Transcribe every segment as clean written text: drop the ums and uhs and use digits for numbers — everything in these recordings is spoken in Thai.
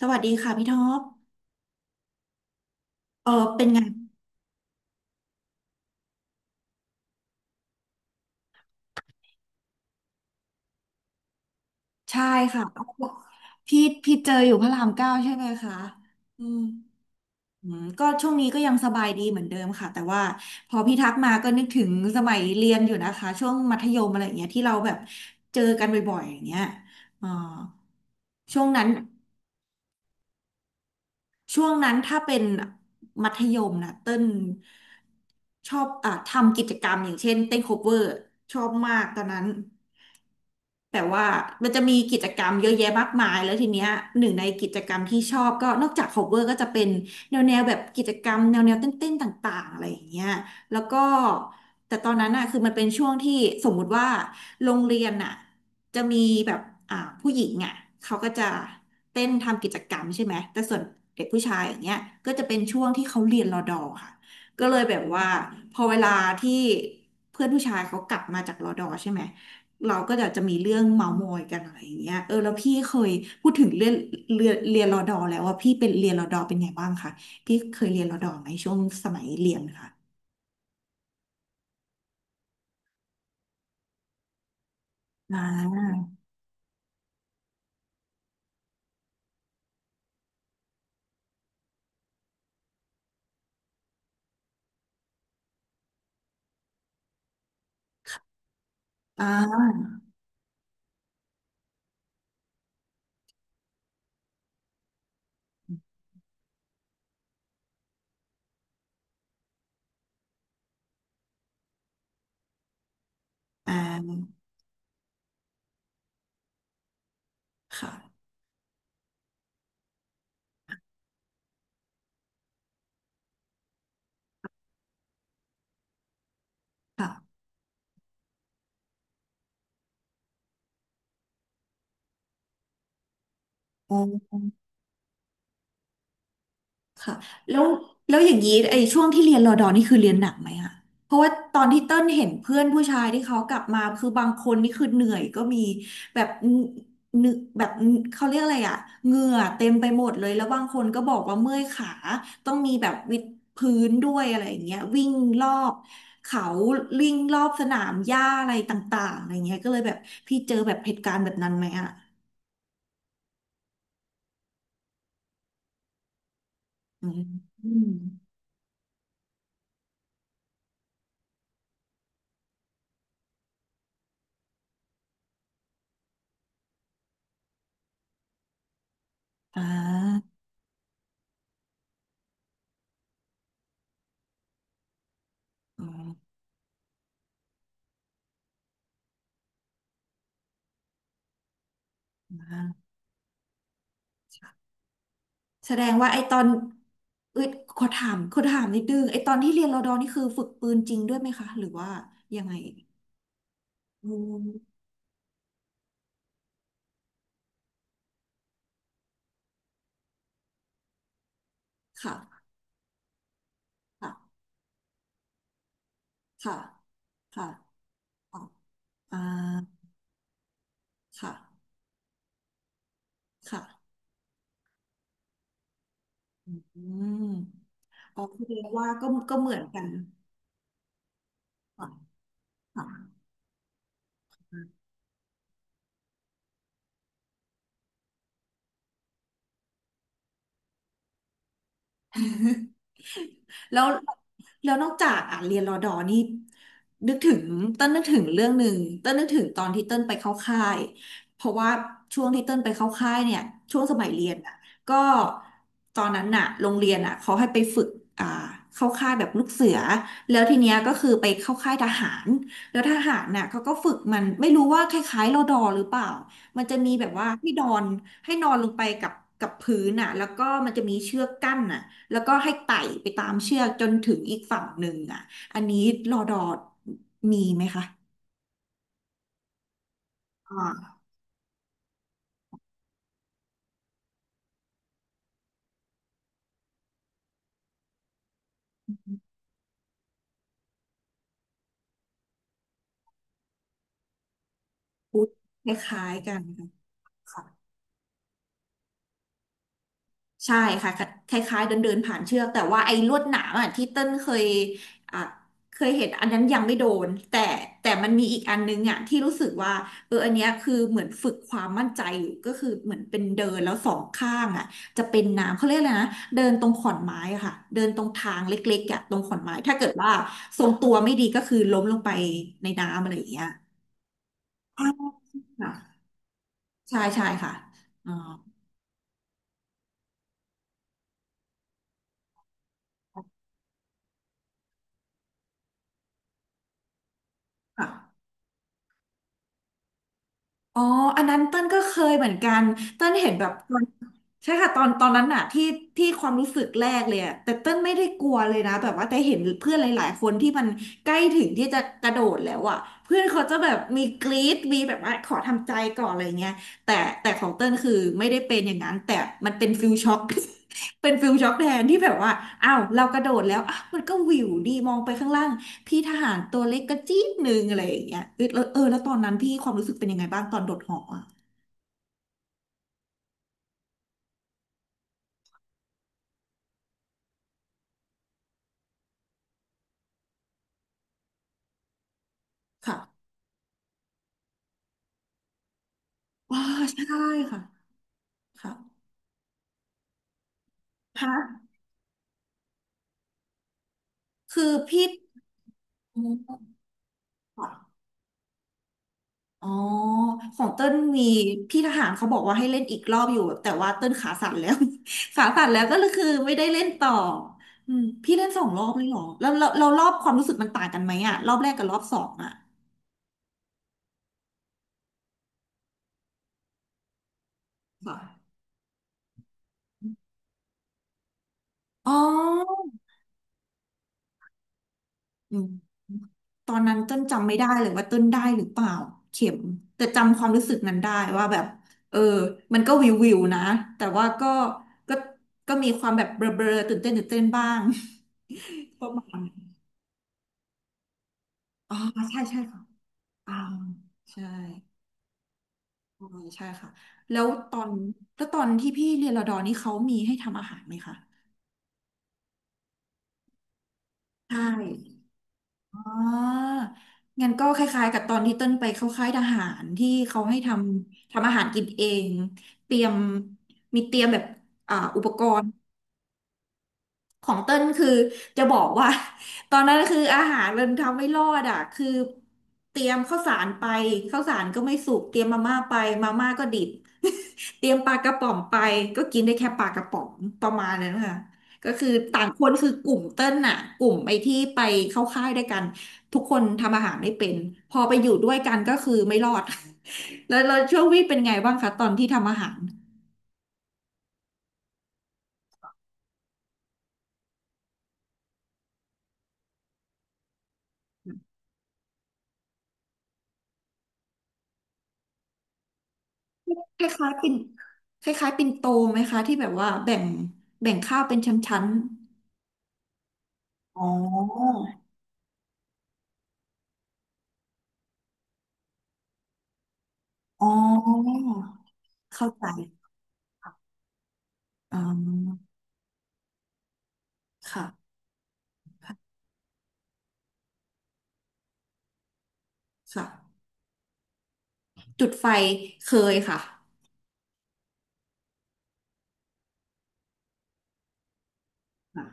สวัสดีค่ะพี่ท็อปเออเป็นไงใช่ค่ะพี่เจออยู่พระรามเก้าใช่ไหมคะอืมอืมก็ช่วงนี้ก็ยังสบายดีเหมือนเดิมค่ะแต่ว่าพอพี่ทักมาก็นึกถึงสมัยเรียนอยู่นะคะช่วงมัธยมอะไรอย่างเงี้ยที่เราแบบเจอกันบ่อยๆอย่างเงี้ยอ่อช่วงนั้นถ้าเป็นมัธยมนะเต้นชอบอ่ะทำกิจกรรมอย่างเช่นเต้นโคเวอร์ชอบมากตอนนั้น แต่ว่ามันจะมีกิจกรรมเยอะแยะมากมายแล้วทีเนี้ยหนึ่งในกิจกรรมที่ชอบก็นอกจาก cover ก็จะเป็นแนวแบบกิจกรรมแนวเต้นๆต่างๆอะไรอย่างเงี้ยแล้วก็แต่ตอนนั้นอ่ะคือมันเป็นช่วงที่สมมุติว่าโรงเรียนอ่ะจะมีแบบผู้หญิงอ่ะเขาก็จะเต้นทำกิจกรรมใช่ไหมแต่ส่วนเด็กผู้ชายอย่างเงี้ยก็จะเป็นช่วงที่เขาเรียนรอดอค่ะก็เลยแบบว่าพอเวลาที่เพื่อนผู้ชายเขากลับมาจากรอดอใช่ไหม เราก็จะมีเรื่องเมาท์มอยกันอะไรอย่างเงี้ยเออแล้วพี่เคยพูดถึงเรื่องเรียนรอดอแล้วว่าพี่เป็นเรียนรอดอเป็นไงบ้างคะพี่เคยเรียนรอดอไหมช่วงสมัยเรียนค่ะอ่าอ่าอ่าค่ะค่ะโอ้ ค่ะแล้วอย่างนี้ไอ้ช่วงที่เรียนรอดอนี่คือเรียนหนักไหมอะเพราะว่าตอนที่เต้นเห็นเพื่อนผู้ชายที่เขากลับมาคือบางคนนี่คือเหนื่อยก็มีแบบนึกแบบเขาเรียกอะไรอะเหงื่อเต็มไปหมดเลยแล้วบางคนก็บอกว่าเมื่อยขาต้องมีแบบวิดพื้นด้วยอะไรอย่างเงี้ยวิ่งรอบเขาวิ่งรอบสนามหญ้าอะไรต่างๆอะไรเงี้ยก็เลยแบบพี่เจอแบบเหตุการณ์แบบนั้นไหมอะอืมอมอ่าอ๋อ แสดงว่าไอ้ตอนเอ้ยขอถามนิดนึงไอ้ตอนที่เรียนรอดอนี่คือฝึกปืนจริงด้วยไหมคะหรือว่ายังไงอืมค่ะค่ะค่ะค่ะอ๋ออ่าค่ะค่ะอืมอ๋อคือว่าก็เหมือนกันค่ะค่ะ แล้วนอกจากอ่ะเรียนรอดอนี่นึกถึงเต้นนึกถึงเรื่องหนึ่งเต้นนึกถึงตอนที่เต้นไปเข้าค่ายเพราะว่าช่วงที่เต้นไปเข้าค่ายเนี่ยช่วงสมัยเรียนอ่ะก็ตอนนั้นน่ะโรงเรียนอ่ะเขาให้ไปฝึกอ่าเข้าค่ายแบบลูกเสือแล้วทีเนี้ยก็คือไปเข้าค่ายทหารแล้วทหารน่ะเขาก็ฝึกมันไม่รู้ว่าคล้ายๆรอดอหรือเปล่ามันจะมีแบบว่าให้นอนให้นอนลงไปกับกับพื้นน่ะแล้วก็มันจะมีเชือกกั้นน่ะ แล้วก็ให้ไต่ไปตามเชือกจนถึงอีกฝั่งหนึ่งอ่ะอันนี้รอดอมีไหมคะ อ่าพูดคล้ายๆกันค่ะ ใช่ค่ะคล้ายๆเดินเดินผ่านเชือกแต่ว่าไอ้ลวดหนามอ่ะที่เต้นเคยอ่ะเคยเห็นอันนั้นยังไม่โดนแต่แต่มันมีอีกอันนึงอ่ะที่รู้สึกว่าเอออันเนี้ยคือเหมือนฝึกความมั่นใจอยู่ก็คือเหมือนเป็นเดินแล้วสองข้างอ่ะจะเป็นน้ำเขาเรียกอะไรนะเดินตรงขอนไม้อะค่ะเดินตรงทางเล็กๆอ่ะตรงขอนไม้ถ้าเกิดว่าทรงตัวไม่ดีก็คือล้มลงไปในน้ำอะไรอย่างเงี้ยค่ะใช่ใช่ค่ะอ๋อค่ะ อ๋ออันนั้นเต้นก็เคยเหมือนกัน เต้นเห็นแบบตอนใช่ค่ะตอนนั้นน่ะที่ที่ความรู้สึกแรกเลยอะแต่เต้นไม่ได้กลัวเลยนะแบบว่าแต่เห็นเพื่อนหลายๆคนที่มันใกล้ถึงที่จะกระโดดแล้วอะเพื่อนเขาจะแบบมีกรี๊ดมีแบบว่าขอทำใจก่อนอะไรเงี้ยแต่แต่ของเต้นคือไม่ได้เป็นอย่างนั้นแต่มันเป็นฟิลช็อก เป็นฟิลช็อกแทนที่แบบว่าอ้าวเรากระโดดแล้ว มันก็วิวดีมองไปข้างล่างพี่ทหารตัวเล็กกระจี๊ดหนึ่งอะไรอย่างเงี้ยเออแล้วเออแล้วตอนนั้นพี่ความรู้สึกเป็นยังไงบ้างตอนโดดหออะค่ะว้าใช่ค่ะค่ะฮะคือพี่อมอ๋อของเต้นมีพี่ทหารเขาบอกว่าให้เล่นอีกรอบอยู่แต่ว่าเต้นขาสั่นแล้ว ขาสั่นแล้วก็เลยคือไม่ได้เล่นต่ออืมพี่เล่นสองรอบเลยเหรอแล้วเรารอบความรู้สึกมันต่างกันไหมอะรอบแรกกับรอบสองอะค่ะอ๋ออืม ตอนนั้นเต้นจำไม่ได้เลยว่าต้นได้หรือเปล่าเข็มแต่จำความรู้สึกนั้นได้ว่าแบบเออมันก็วิวนะแต่ว่าก็ก็มีความแบบเบลอๆตื่นเต้นบ้าง ประมาณนั้นอ๋อใช่ใช่ค่ะอ่าใช่อ๋อใช่ค่ะแล้วตอนแล้วตอนที่พี่เรียนรอดอนี่เขามีให้ทำอาหารไหมคะใช่ อ่างั้นก็คล้ายๆกับตอนที่เต้นไปเข้าค่ายทหารที่เขาให้ทำอาหารกินเองเตรียมมีเตรียมแบบอุปกรณ์ ของเต้นคือจะบอกว่า ตอนนั้นคืออาหารมันทำไม่รอดอ่ะคือเตรียมข้าวสารไปข้าวสารก็ไม่สุกเตรียมมาม่าไปมาม่าก็ดิบ เตรียมปลากระป๋องไปก็กินได้แค่ปลากระป๋องประมาณนั้นค่ะก็คือต่างคนคือกลุ่มเต้นน่ะกลุ่มไอ้ที่ไปเข้าค่ายด้วยกันทุกคนทำอาหารไม่เป็นพอไปอยู่ด้วยกันก็คือไม่รอด แล้วช่วงวี่เป็นไงบ้างคะตอนที่ทำอาหาร คล้ายๆปิ่นคล้ายๆปิ่นโตไหมคะที่แบบว่าแบ่งข้าวเป็นชั้นๆอ๋ออ๋อเข้าใจอ๋อค่ะค่ะจุดไฟเคยค่ะค่ะ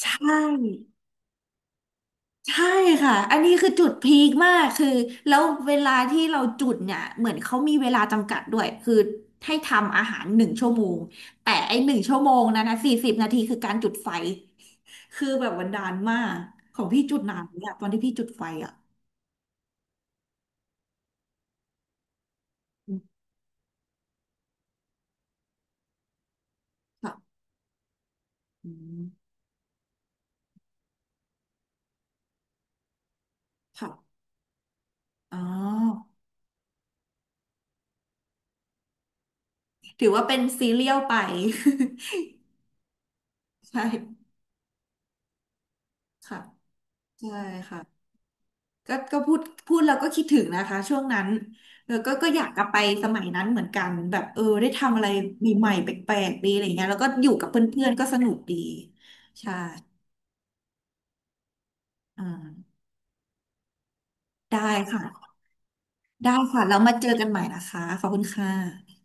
ใช่ ใช่ค่ะอันนี้คือจุดพีคมาก คือแล้วเวลาที่เราจุดเนี่ย เหมือนเขามีเวลาจำกัดด้วย คือให้ทำอาหารหนึ่งชั่วโมง แต่ไอ้1 ชั่วโมงนะ40 นาทีคือการจุดไฟ คือแบบวันดานมากของพี่จุดนานเนี่ยตอนที่พี่จุดไฟอ่ะอืมค่ะอืมค่ะอ๋อถือว่าเป็นซีเรียลไป ใช่ค่ะใช่ค่ะ ก็พูดแล้วก็คิดถึงนะคะช่วงนั้นเออก็อยากกลับไปสมัยนั้นเหมือนกันแบบเออได้ทำอะไรใหม่ๆแปลกๆดีอะไรเงี้ยแล้วก็อยู่กับเพื่อนๆก็สนุกดีใช่อ่าได้ค่ะได้ค่ะแล้วมาเจอกันใหม่นะคะขอบคุณค่ะ